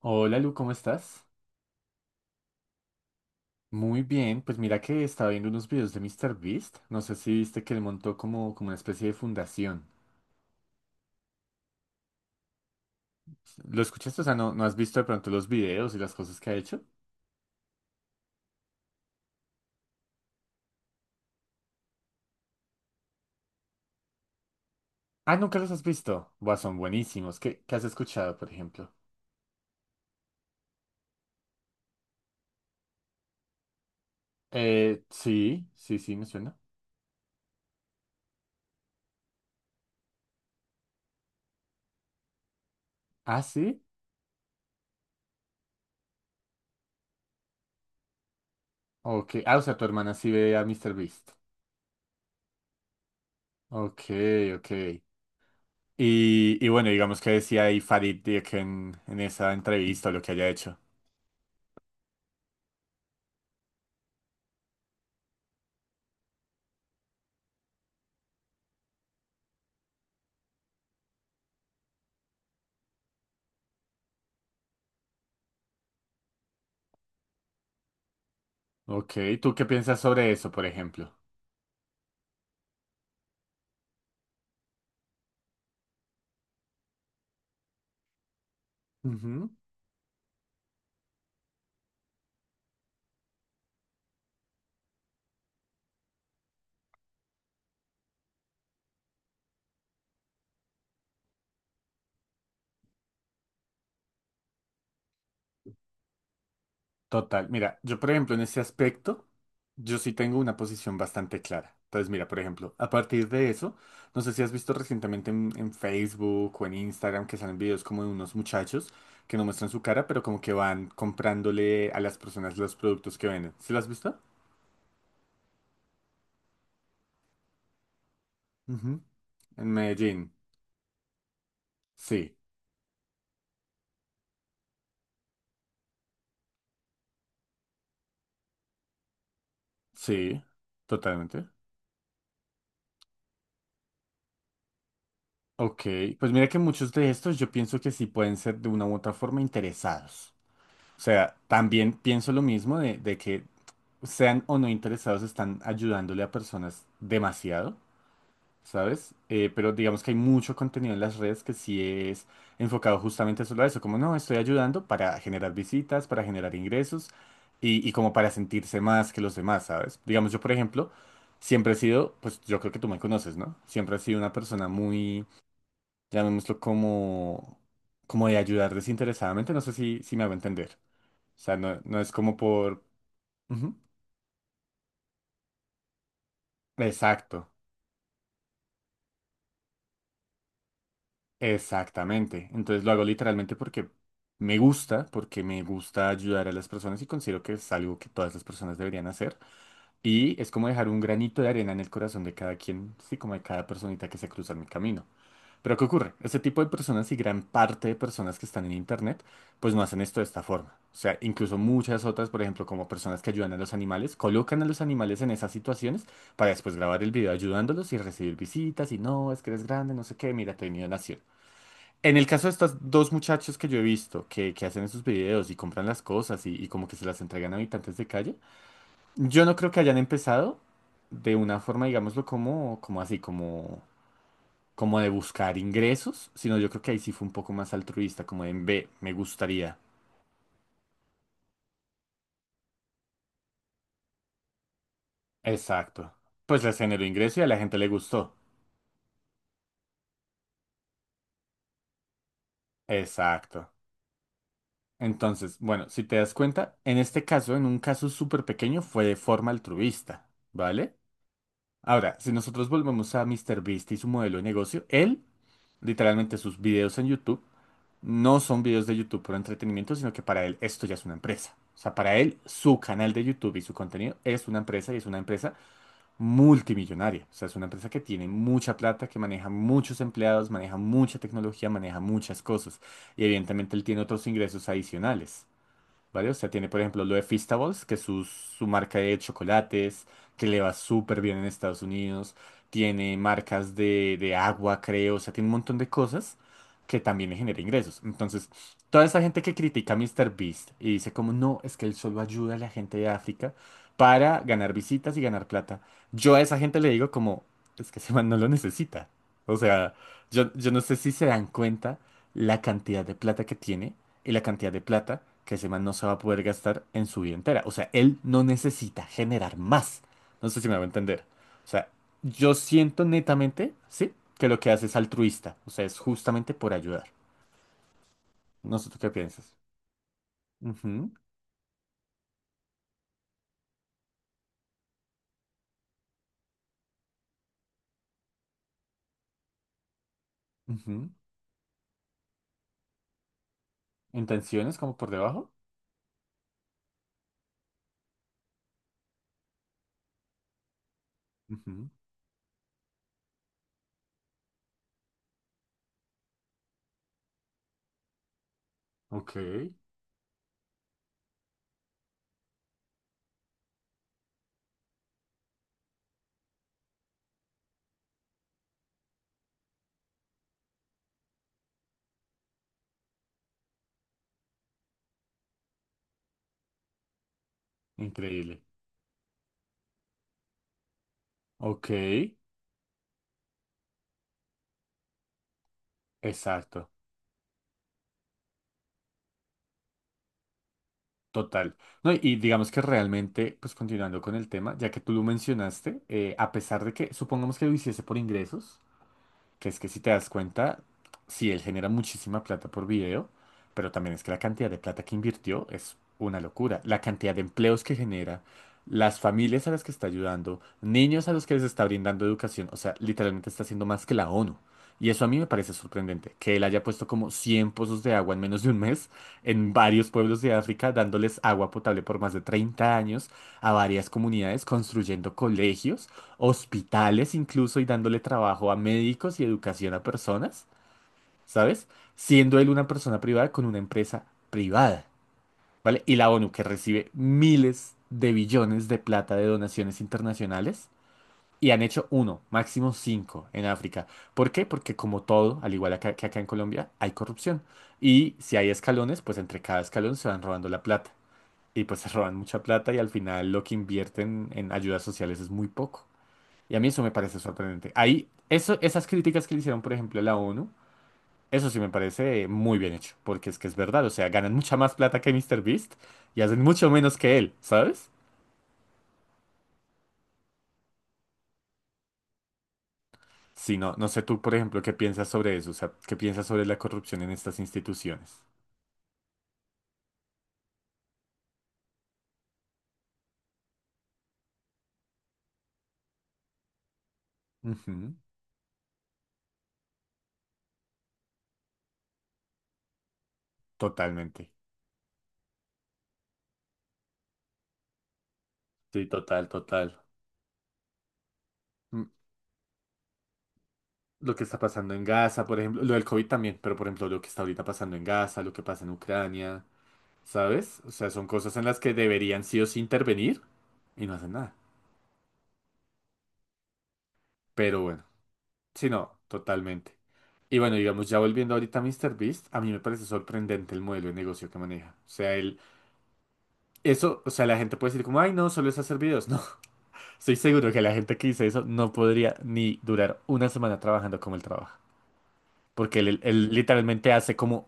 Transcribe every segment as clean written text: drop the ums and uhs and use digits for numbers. Hola Lu, ¿cómo estás? Muy bien, pues mira que estaba viendo unos videos de míster Beast. No sé si viste que él montó como una especie de fundación. ¿Lo escuchaste? O sea, ¿no has visto de pronto los videos y las cosas que ha hecho? Ah, ¿nunca los has visto? Buah, son buenísimos. ¿Qué has escuchado, por ejemplo? Sí, sí, sí, me suena. Ah, sí. Ok. Ah, o sea, tu hermana sí ve a míster Beast. Ok, ok. Y bueno, digamos que decía ahí Farid Dieck en esa entrevista o lo que haya hecho. Ok, ¿tú qué piensas sobre eso, por ejemplo? Ujú. Total, mira, yo por ejemplo en ese aspecto, yo sí tengo una posición bastante clara. Entonces, mira, por ejemplo, a partir de eso, no sé si has visto recientemente en Facebook o en Instagram que salen videos como de unos muchachos que no muestran su cara, pero como que van comprándole a las personas los productos que venden. ¿Sí lo has visto? Ujú. En Medellín. Sí, sí, totalmente. Ok, pues mira que muchos de estos yo pienso que sí pueden ser de una u otra forma interesados. O sea, también pienso lo mismo de que sean o no interesados están ayudándole a personas demasiado, ¿sabes? Pero digamos que hay mucho contenido en las redes que sí es enfocado justamente solo a eso, como no, estoy ayudando para generar visitas, para generar ingresos y como para sentirse más que los demás, ¿sabes? Digamos yo, por ejemplo, siempre he sido, pues yo creo que tú me conoces, ¿no? Siempre he sido una persona muy, llamémoslo como, como de ayudar desinteresadamente, no sé si me hago entender. O sea, no es como por... Ujú. Exacto, exactamente. Entonces lo hago literalmente porque me gusta ayudar a las personas y considero que es algo que todas las personas deberían hacer. Y es como dejar un granito de arena en el corazón de cada quien, sí, como de cada personita que se cruza en mi camino. Pero ¿qué ocurre? Este tipo de personas y gran parte de personas que están en Internet, pues no hacen esto de esta forma. O sea, incluso muchas otras, por ejemplo, como personas que ayudan a los animales, colocan a los animales en esas situaciones para después grabar el video ayudándolos y recibir visitas y no, es que eres grande, no sé qué, mira, te he venido a naciendo. En el caso de estos dos muchachos que yo he visto que hacen esos videos y compran las cosas y como que se las entregan a habitantes de calle, yo no creo que hayan empezado de una forma, digámoslo, como, como así, como de buscar ingresos, sino yo creo que ahí sí fue un poco más altruista, como de en ve, me gustaría. Exacto. Pues les generó ingreso y a la gente le gustó. Exacto. Entonces, bueno, si te das cuenta, en este caso, en un caso súper pequeño, fue de forma altruista, ¿vale? Ahora, si nosotros volvemos a Mister Beast y su modelo de negocio, él, literalmente sus videos en YouTube, no son videos de YouTube por entretenimiento, sino que para él esto ya es una empresa. O sea, para él, su canal de YouTube y su contenido es una empresa y es una empresa multimillonaria. O sea, es una empresa que tiene mucha plata, que maneja muchos empleados, maneja mucha tecnología, maneja muchas cosas. Y evidentemente él tiene otros ingresos adicionales. ¿Vale? O sea, tiene, por ejemplo, lo de Feastables, que es su marca de chocolates, que le va súper bien en Estados Unidos. Tiene marcas de agua, creo. O sea, tiene un montón de cosas que también le genera ingresos. Entonces, toda esa gente que critica a míster Beast y dice como, no, es que él solo ayuda a la gente de África para ganar visitas y ganar plata. Yo a esa gente le digo como, es que ese man no lo necesita. O sea, yo no sé si se dan cuenta la cantidad de plata que tiene y la cantidad de plata que ese man no se va a poder gastar en su vida entera. O sea, él no necesita generar más. No sé si me va a entender. O sea, yo siento netamente, ¿sí? Que lo que hace es altruista. O sea, es justamente por ayudar. No sé tú qué piensas. Ujú, ujú. Intenciones como por debajo. Ujú. Ok. Increíble. Ok. Exacto. Total. No, y digamos que realmente, pues continuando con el tema, ya que tú lo mencionaste, a pesar de que supongamos que lo hiciese por ingresos, que es que si te das cuenta, sí, él genera muchísima plata por video, pero también es que la cantidad de plata que invirtió es una locura. La cantidad de empleos que genera, las familias a las que está ayudando, niños a los que les está brindando educación, o sea, literalmente está haciendo más que la ONU. Y eso a mí me parece sorprendente, que él haya puesto como 100 pozos de agua en menos de un mes en varios pueblos de África, dándoles agua potable por más de 30 años a varias comunidades, construyendo colegios, hospitales incluso y dándole trabajo a médicos y educación a personas, ¿sabes? Siendo él una persona privada con una empresa privada, ¿vale? Y la ONU que recibe miles de billones de plata de donaciones internacionales y han hecho uno, máximo 5 en África. ¿Por qué? Porque como todo, al igual acá- que acá en Colombia, hay corrupción. Y si hay escalones, pues entre cada escalón se van robando la plata. Y pues se roban mucha plata y al final lo que invierten en ayudas sociales es muy poco. Y a mí eso me parece sorprendente. Ahí, eso, esas críticas que le hicieron, por ejemplo, a la ONU, eso sí me parece muy bien hecho, porque es que es verdad, o sea, ganan mucha más plata que Mister Beast y hacen mucho menos que él, ¿sabes? Si no, no sé tú, por ejemplo, qué piensas sobre eso, o sea, qué piensas sobre la corrupción en estas instituciones. Ujú. Totalmente. Sí, total, total. Mm. Lo que está pasando en Gaza, por ejemplo, lo del COVID también, pero por ejemplo, lo que está ahorita pasando en Gaza, lo que pasa en Ucrania, ¿sabes? O sea, son cosas en las que deberían sí o sí intervenir y no hacen nada. Pero bueno, sí, no, totalmente. Y bueno, digamos, ya volviendo ahorita a míster Beast, a mí me parece sorprendente el modelo de negocio que maneja. O sea, él, eso, o sea, la gente puede decir como, ay, no, solo es hacer videos. No, estoy seguro que la gente que dice eso no podría ni durar una semana trabajando como él trabaja. Porque él literalmente hace como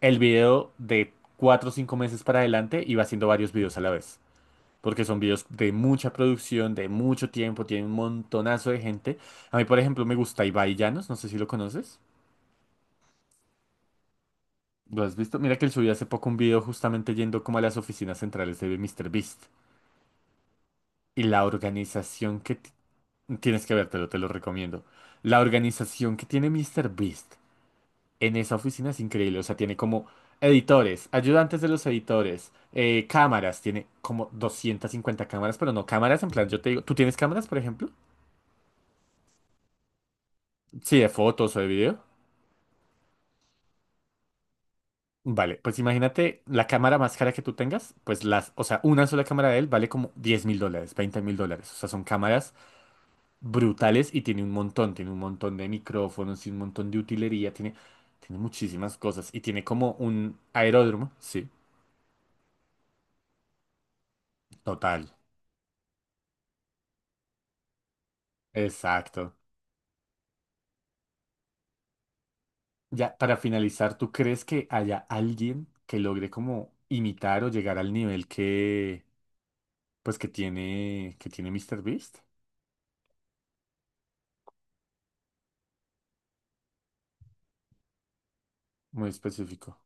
el video de 4 o 5 meses para adelante y va haciendo varios videos a la vez. Porque son videos de mucha producción, de mucho tiempo, tiene un montonazo de gente. A mí, por ejemplo, me gusta Ibai Llanos, no sé si lo conoces. ¿Lo has visto? Mira que él subió hace poco un video justamente yendo como a las oficinas centrales de míster Beast. Y la organización que... ti-, tienes que vértelo, te lo recomiendo. La organización que tiene míster Beast en esa oficina es increíble. O sea, tiene como editores, ayudantes de los editores, cámaras. Tiene como 250 cámaras, pero no cámaras en plan, yo te digo, ¿tú tienes cámaras, por ejemplo? Sí, de fotos o de video. Vale, pues imagínate la cámara más cara que tú tengas, pues las, o sea, una sola cámara de él vale como $10.000, $20.000. O sea, son cámaras brutales y tiene un montón de micrófonos, tiene un montón de utilería, tiene, tiene muchísimas cosas y tiene como un aeródromo, sí, total, exacto. Ya, para finalizar, ¿tú crees que haya alguien que logre como imitar o llegar al nivel que, pues que tiene míster Beast? Muy específico.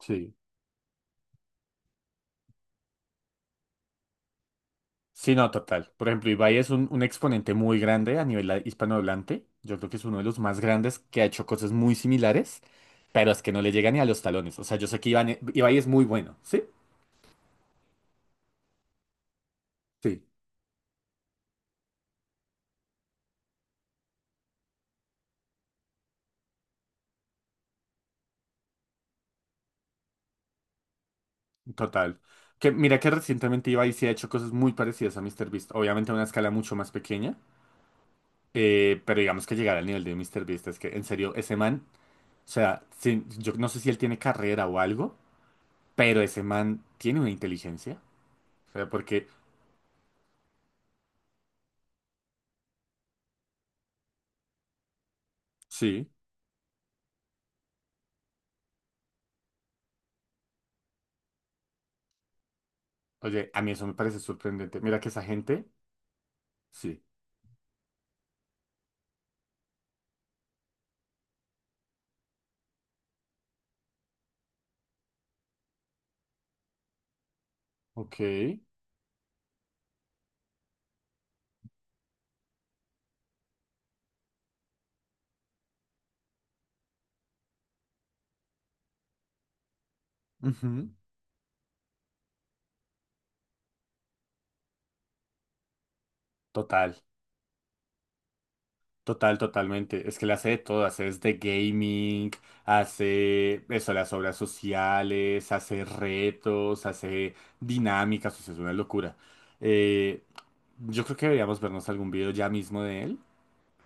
Sí. Sí, no, total. Por ejemplo, Ibai es un exponente muy grande a nivel, ah, hispanohablante. Yo creo que es uno de los más grandes que ha hecho cosas muy similares, pero es que no le llega ni a los talones. O sea, yo sé que Iván- Ibai es muy bueno, ¿sí? Sí, total. Que, mira que recientemente Ibai sí ha hecho cosas muy parecidas a MrBeast, obviamente a una escala mucho más pequeña, pero digamos que llegar al nivel de MrBeast es que, en serio, ese man, o sea, sí, yo no sé si él tiene carrera o algo, pero ese man tiene una inteligencia. O sea, porque sí. Oye, a mí eso me parece sorprendente. Mira que esa gente, sí. Ok. Ujú. Total, total, totalmente. Es que le hace de todo, hace desde gaming, hace eso, las obras sociales, hace retos, hace dinámicas, o sea, es una locura. Eh, yo creo que deberíamos vernos algún video ya mismo de él,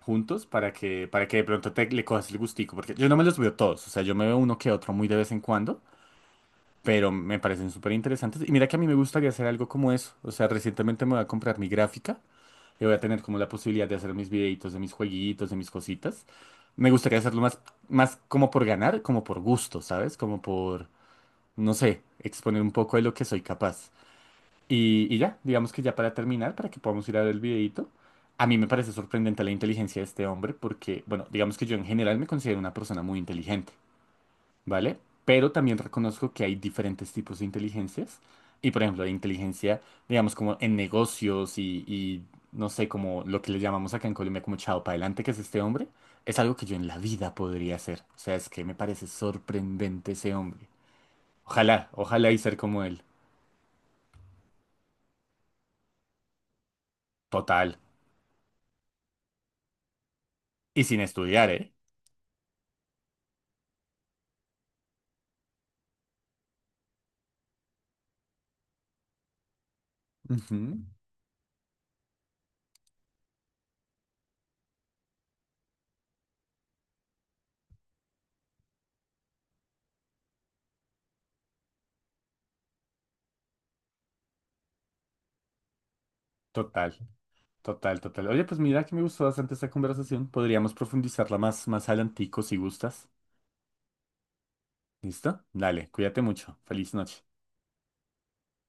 juntos, para que de pronto te, le cojas el gustico, porque yo no me los veo todos, o sea, yo me veo uno que otro muy de vez en cuando. Pero me parecen súper interesantes. Y mira que a mí me gustaría hacer algo como eso. O sea, recientemente me voy a comprar mi gráfica y voy a tener como la posibilidad de hacer mis videitos de mis jueguitos, de mis cositas. Me gustaría hacerlo más, más como por ganar, como por gusto, ¿sabes? Como por, no sé, exponer un poco de lo que soy capaz. Y ya, digamos que ya para terminar, para que podamos ir a ver el videito. A mí me parece sorprendente la inteligencia de este hombre porque, bueno, digamos que yo en general me considero una persona muy inteligente. ¿Vale? Pero también reconozco que hay diferentes tipos de inteligencias. Y por ejemplo, la inteligencia, digamos, como en negocios y no sé, como lo que le llamamos acá en Colombia como chao para adelante, que es este hombre, es algo que yo en la vida podría hacer. O sea, es que me parece sorprendente ese hombre. Ojalá, ojalá y ser como él. Total. Y sin estudiar, ¿eh? Ujú. Total, total, total. Oye, pues mira que me gustó bastante esta conversación. Podríamos profundizarla más, más adelantico si gustas. ¿Listo? Dale, cuídate mucho. Feliz noche.